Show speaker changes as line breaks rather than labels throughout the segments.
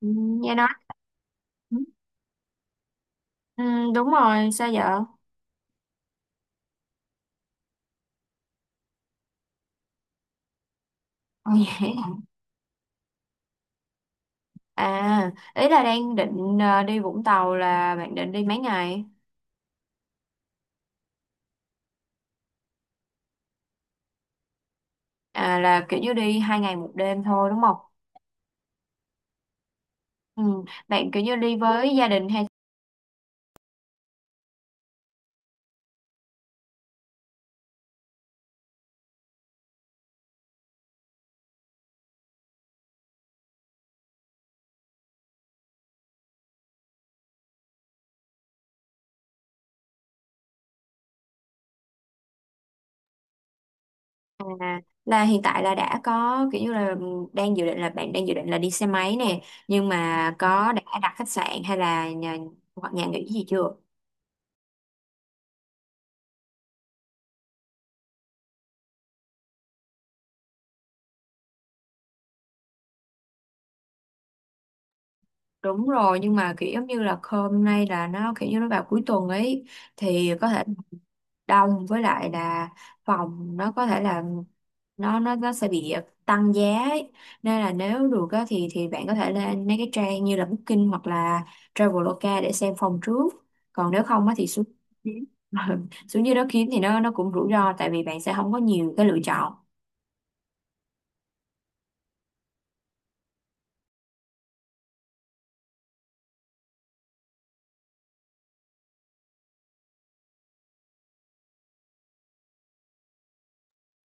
Ừ, nghe nói ừ, đúng rồi. Sao vậy? Ồ, vậy hả? À, ý là đang định đi Vũng Tàu là bạn định đi mấy ngày? À, là kiểu như đi hai ngày một đêm thôi đúng không? Ừ, bạn kiểu như đi với gia đình hay? À, là hiện tại là đã có kiểu như là đang dự định, là bạn đang dự định là đi xe máy nè, nhưng mà có đã đặt khách sạn hay là nhà hoặc nhà nghỉ gì chưa? Đúng rồi, nhưng mà kiểu giống như là hôm nay là nó kiểu như nó vào cuối tuần ấy, thì có thể đông, với lại là phòng nó có thể là nó sẽ bị tăng giá ấy. Nên là nếu được á, thì bạn có thể lên mấy cái trang như là Booking hoặc là Traveloka để xem phòng trước. Còn nếu không á, thì xuống xuống dưới đó kiếm thì nó cũng rủi ro, tại vì bạn sẽ không có nhiều cái lựa chọn.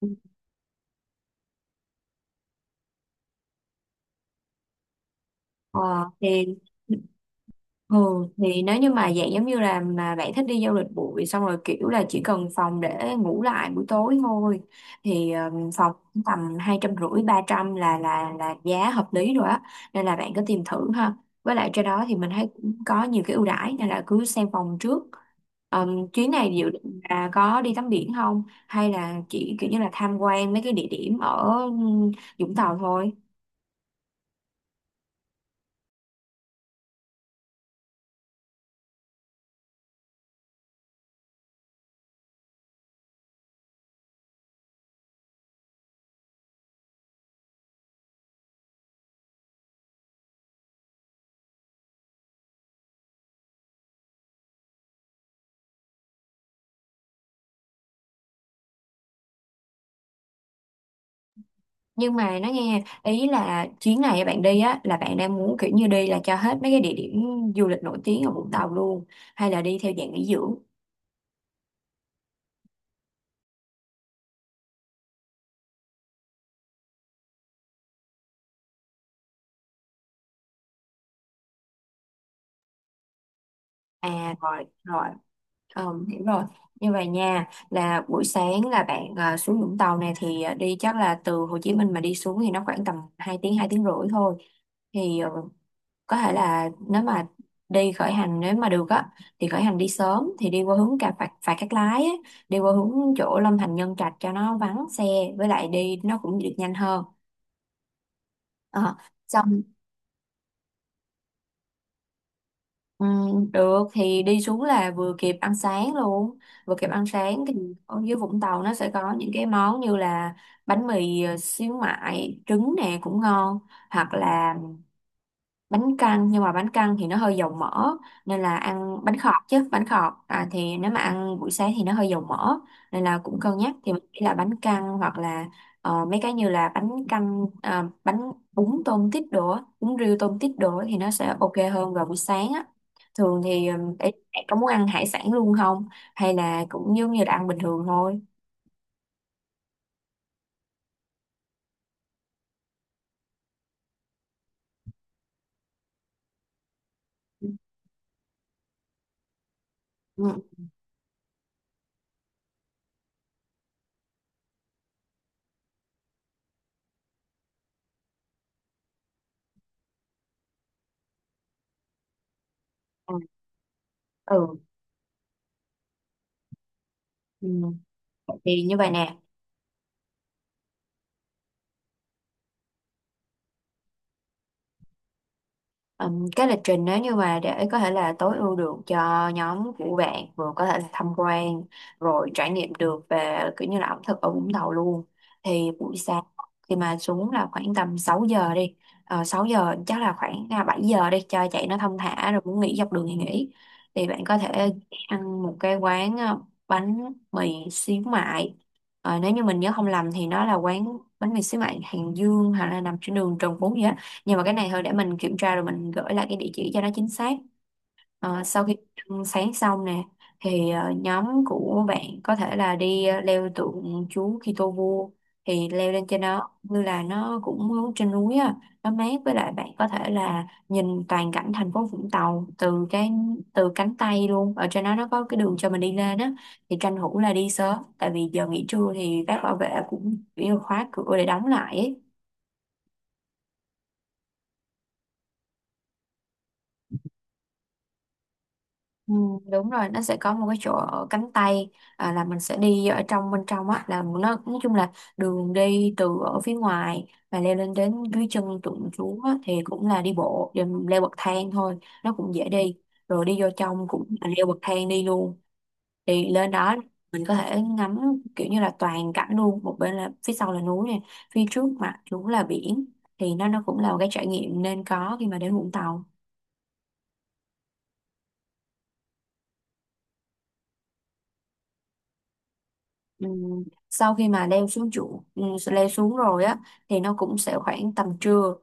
Ừ. Ờ, thì Ừ, thì nếu như mà dạng giống như là mà bạn thích đi du lịch bụi xong rồi kiểu là chỉ cần phòng để ngủ lại buổi tối thôi, thì phòng tầm hai trăm rưỡi ba trăm là giá hợp lý rồi á. Nên là bạn cứ tìm thử ha, với lại trên đó thì mình thấy cũng có nhiều cái ưu đãi, nên là cứ xem phòng trước. Chuyến này dự định là có đi tắm biển không, hay là chỉ kiểu như là tham quan mấy cái địa điểm ở Vũng Tàu thôi? Nhưng mà nó nghe ý là chuyến này bạn đi á là bạn đang muốn kiểu như đi là cho hết mấy cái địa điểm du lịch nổi tiếng ở Vũng Tàu luôn, hay là đi theo dạng nghỉ dưỡng? À, rồi rồi. Ờ, hiểu rồi. Như vậy nha, là buổi sáng là bạn à, xuống Vũng Tàu này thì à, đi chắc là từ Hồ Chí Minh mà đi xuống thì nó khoảng tầm 2 tiếng rưỡi thôi. Thì có thể là nếu mà đi khởi hành nếu mà được á, thì khởi hành đi sớm thì đi qua hướng cà phạt phạt Cát Lái á, đi qua hướng chỗ Long Thành Nhân Trạch cho nó vắng xe, với lại đi nó cũng được nhanh hơn. Ờ, xong được thì đi xuống là vừa kịp ăn sáng luôn, vừa kịp ăn sáng thì ở dưới Vũng Tàu nó sẽ có những cái món như là bánh mì xíu mại trứng nè cũng ngon, hoặc là bánh căn, nhưng mà bánh căn thì nó hơi dầu mỡ, nên là ăn bánh khọt. Chứ bánh khọt à, thì nếu mà ăn buổi sáng thì nó hơi dầu mỡ, nên là cũng cân nhắc. Thì mình nghĩ là bánh căn hoặc là ờ, mấy cái như là bánh canh à, bún tôm tít đồ á, bún riêu tôm tít đồ á thì nó sẽ ok hơn vào buổi sáng á. Thường thì để bạn có muốn ăn hải sản luôn không, hay là cũng giống như là ăn bình thường thôi? Ừ ừ ừ. Ừ. Thì như vậy nè. Cái lịch trình nếu như mà để có thể là tối ưu được cho nhóm của bạn, vừa có thể là tham quan rồi trải nghiệm được về kiểu như là ẩm thực ở Vũng Tàu luôn, thì buổi sáng khi mà xuống là khoảng tầm 6 giờ đi, 6 giờ chắc là khoảng à, 7 giờ đi cho chạy nó thong thả, rồi muốn nghỉ dọc đường thì nghỉ. Thì bạn có thể ăn một cái quán bánh mì xíu mại. Ờ, nếu như mình nhớ không lầm thì nó là quán bánh mì xíu mại Hàng Dương, hay là nằm trên đường Trần Phú gì á, nhưng mà cái này thôi để mình kiểm tra rồi mình gửi lại cái địa chỉ cho nó chính xác. Ờ, sau khi ăn sáng xong nè, thì nhóm của bạn có thể là đi leo tượng chú Kitô vua. Thì leo lên trên đó như là nó cũng trên núi á, nó mát, với lại bạn có thể là nhìn toàn cảnh thành phố Vũng Tàu từ cái từ cánh tay luôn. Ở trên đó nó có cái đường cho mình đi lên á, thì tranh thủ là đi sớm, tại vì giờ nghỉ trưa thì các bảo vệ cũng kiểu khóa cửa để đóng lại ấy. Ừ, đúng rồi, nó sẽ có một cái chỗ ở cánh tay. À, là mình sẽ đi ở trong bên trong á, là nó nói chung là đường đi từ ở phía ngoài và leo lên đến dưới chân tượng Chúa á, thì cũng là đi bộ rồi mình leo bậc thang thôi, nó cũng dễ đi. Rồi đi vô trong cũng là leo bậc thang đi luôn, thì lên đó mình có thể ngắm kiểu như là toàn cảnh luôn, một bên là phía sau là núi nè, phía trước mặt chúng là biển, thì nó cũng là một cái trải nghiệm nên có khi mà đến Vũng Tàu. Ừ, sau khi mà leo xuống trụ, ừ, leo xuống rồi á, thì nó cũng sẽ khoảng tầm trưa,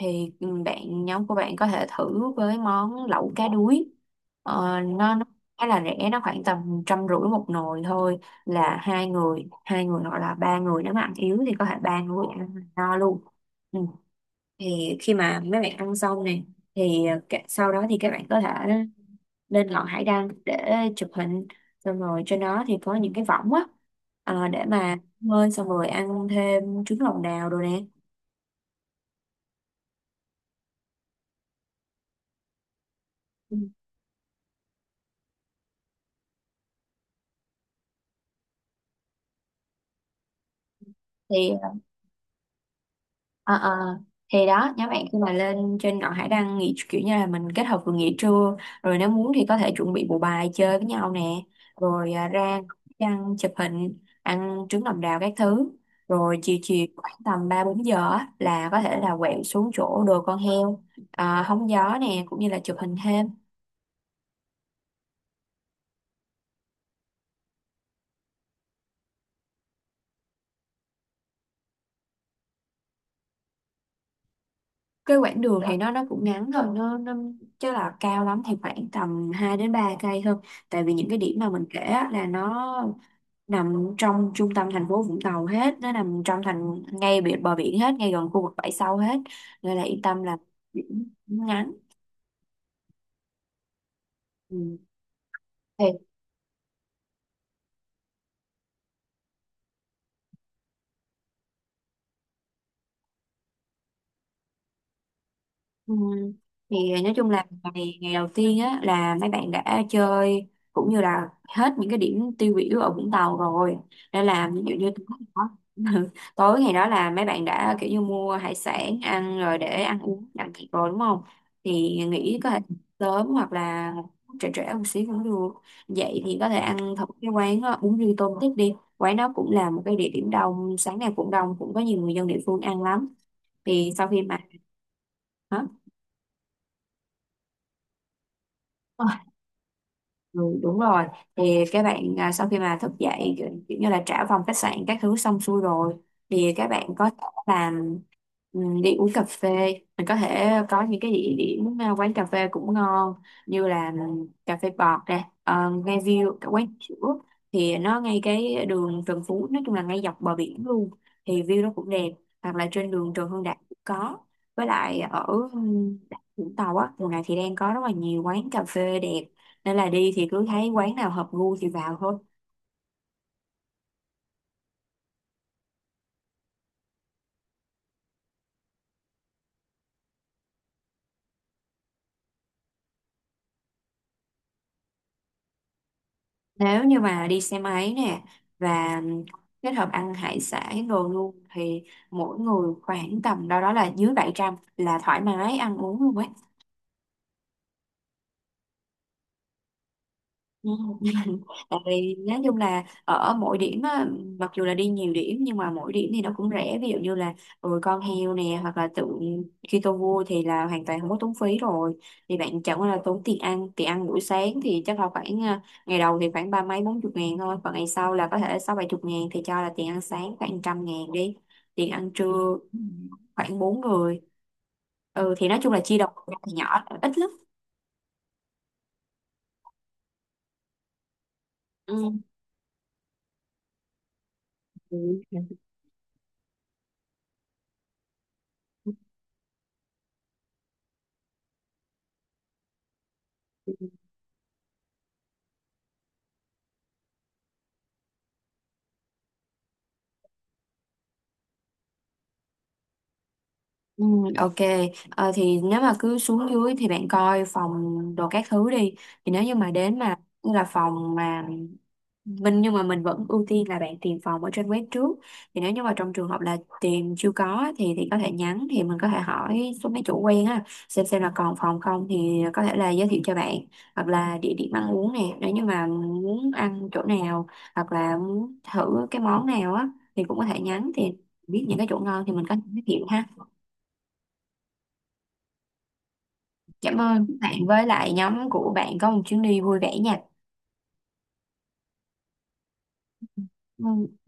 thì ừ, bạn nhóm của bạn có thể thử với món lẩu cá đuối. Ờ, nó khá là rẻ, nó khoảng tầm trăm rưỡi một nồi thôi, là hai người hoặc là ba người, nếu mà ăn yếu thì có thể ba người ăn no luôn. Ừ, thì khi mà mấy bạn ăn xong này, thì sau đó thì các bạn có thể lên ngọn hải đăng để chụp hình, xong rồi trên đó thì có những cái võng á, để mà bơi, xong rồi ăn thêm trứng lòng đào rồi nè. Ừ. Thì Ờ ờ, thì đó, nhóm bạn khi mà lên trên ngọn hải đăng nghỉ kiểu như là mình kết hợp vừa nghỉ trưa, rồi nếu muốn thì có thể chuẩn bị bộ bài chơi với nhau nè, rồi ra đăng chụp hình, ăn trứng lòng đào các thứ, rồi chiều chiều khoảng tầm ba bốn giờ á, là có thể là quẹo xuống chỗ đồi con heo, à, hóng gió nè, cũng như là chụp hình thêm. Cái quãng đường thì nó cũng ngắn thôi, nó chắc là cao lắm thì khoảng tầm 2 đến 3 cây thôi, tại vì những cái điểm mà mình kể á, là nó nằm trong trung tâm thành phố Vũng Tàu hết, nó nằm trong thành ngay biển bờ biển hết, ngay gần khu vực bãi sau hết, nên là yên tâm là biển ngắn. Ừ. Ừ. Thì nói chung là ngày ngày đầu tiên á là mấy bạn đã chơi cũng như là hết những cái điểm tiêu biểu ở Vũng Tàu rồi, nên là ví dụ như tối đó tối ngày đó là mấy bạn đã kiểu như mua hải sản ăn rồi, để ăn uống đặng thịt rồi đúng không? Thì nghĩ có thể sớm hoặc là trễ trễ một xíu cũng được. Vậy thì có thể ăn thật cái quán đó, bún riêu tôm tích. Đi quán đó cũng là một cái địa điểm đông, sáng nào cũng đông, cũng có nhiều người dân địa phương ăn lắm. Thì sau khi mà hả? Ừ, đúng rồi, thì các bạn à, sau khi mà thức dậy kiểu kiểu như là trả phòng khách sạn các thứ xong xuôi rồi, thì các bạn có thể làm đi uống cà phê. Mình có thể có những cái địa điểm à, quán cà phê cũng ngon, như là cà phê bọt nè, ờ, ngay view cả quán sữa, thì nó ngay cái đường Trần Phú, nói chung là ngay dọc bờ biển luôn, thì view nó cũng đẹp. Hoặc là trên đường Trần Hưng Đạo cũng có, với lại ở ừm, Vũng Tàu á mùa này thì đang có rất là nhiều quán cà phê đẹp, nên là đi thì cứ thấy quán nào hợp gu thì vào thôi. Nếu như mà đi xe máy nè và kết hợp ăn hải sản đồ luôn, thì mỗi người khoảng tầm đâu đó là dưới 700 là thoải mái ăn uống luôn ấy. Ừ. Tại vì nói chung là ở mỗi điểm á, mặc dù là đi nhiều điểm nhưng mà mỗi điểm thì nó cũng rẻ, ví dụ như là ừ, con heo nè hoặc là tượng Kitô vua thì là hoàn toàn không có tốn phí rồi. Thì bạn chẳng qua là tốn tiền ăn. Tiền ăn buổi sáng thì chắc là khoảng à, ngày đầu thì khoảng ba mấy bốn chục ngàn thôi, còn ngày sau là có thể sáu bảy chục ngàn, thì cho là tiền ăn sáng khoảng trăm ngàn đi, tiền ăn trưa khoảng bốn người, ừ, thì nói chung là chia đầu thì nhỏ ít lắm. Ừ. Ừ. Ừ, ok. Ờ, thì nếu mà cứ xuống dưới thì bạn coi phòng đồ các thứ đi. Thì nếu như mà đến mà như là phòng mà mình, nhưng mà mình vẫn ưu tiên là bạn tìm phòng ở trên web trước. Thì nếu như mà trong trường hợp là tìm chưa có, thì có thể nhắn thì mình có thể hỏi số mấy chủ quen á, xem là còn phòng không thì có thể là giới thiệu cho bạn. Hoặc là địa điểm ăn uống nè, nếu như mà muốn ăn chỗ nào hoặc là muốn thử cái món nào á, thì cũng có thể nhắn, thì biết những cái chỗ ngon thì mình có thể giới thiệu ha. Cảm ơn các bạn, với lại nhóm của bạn có một chuyến đi vui vẻ nha. Ừ.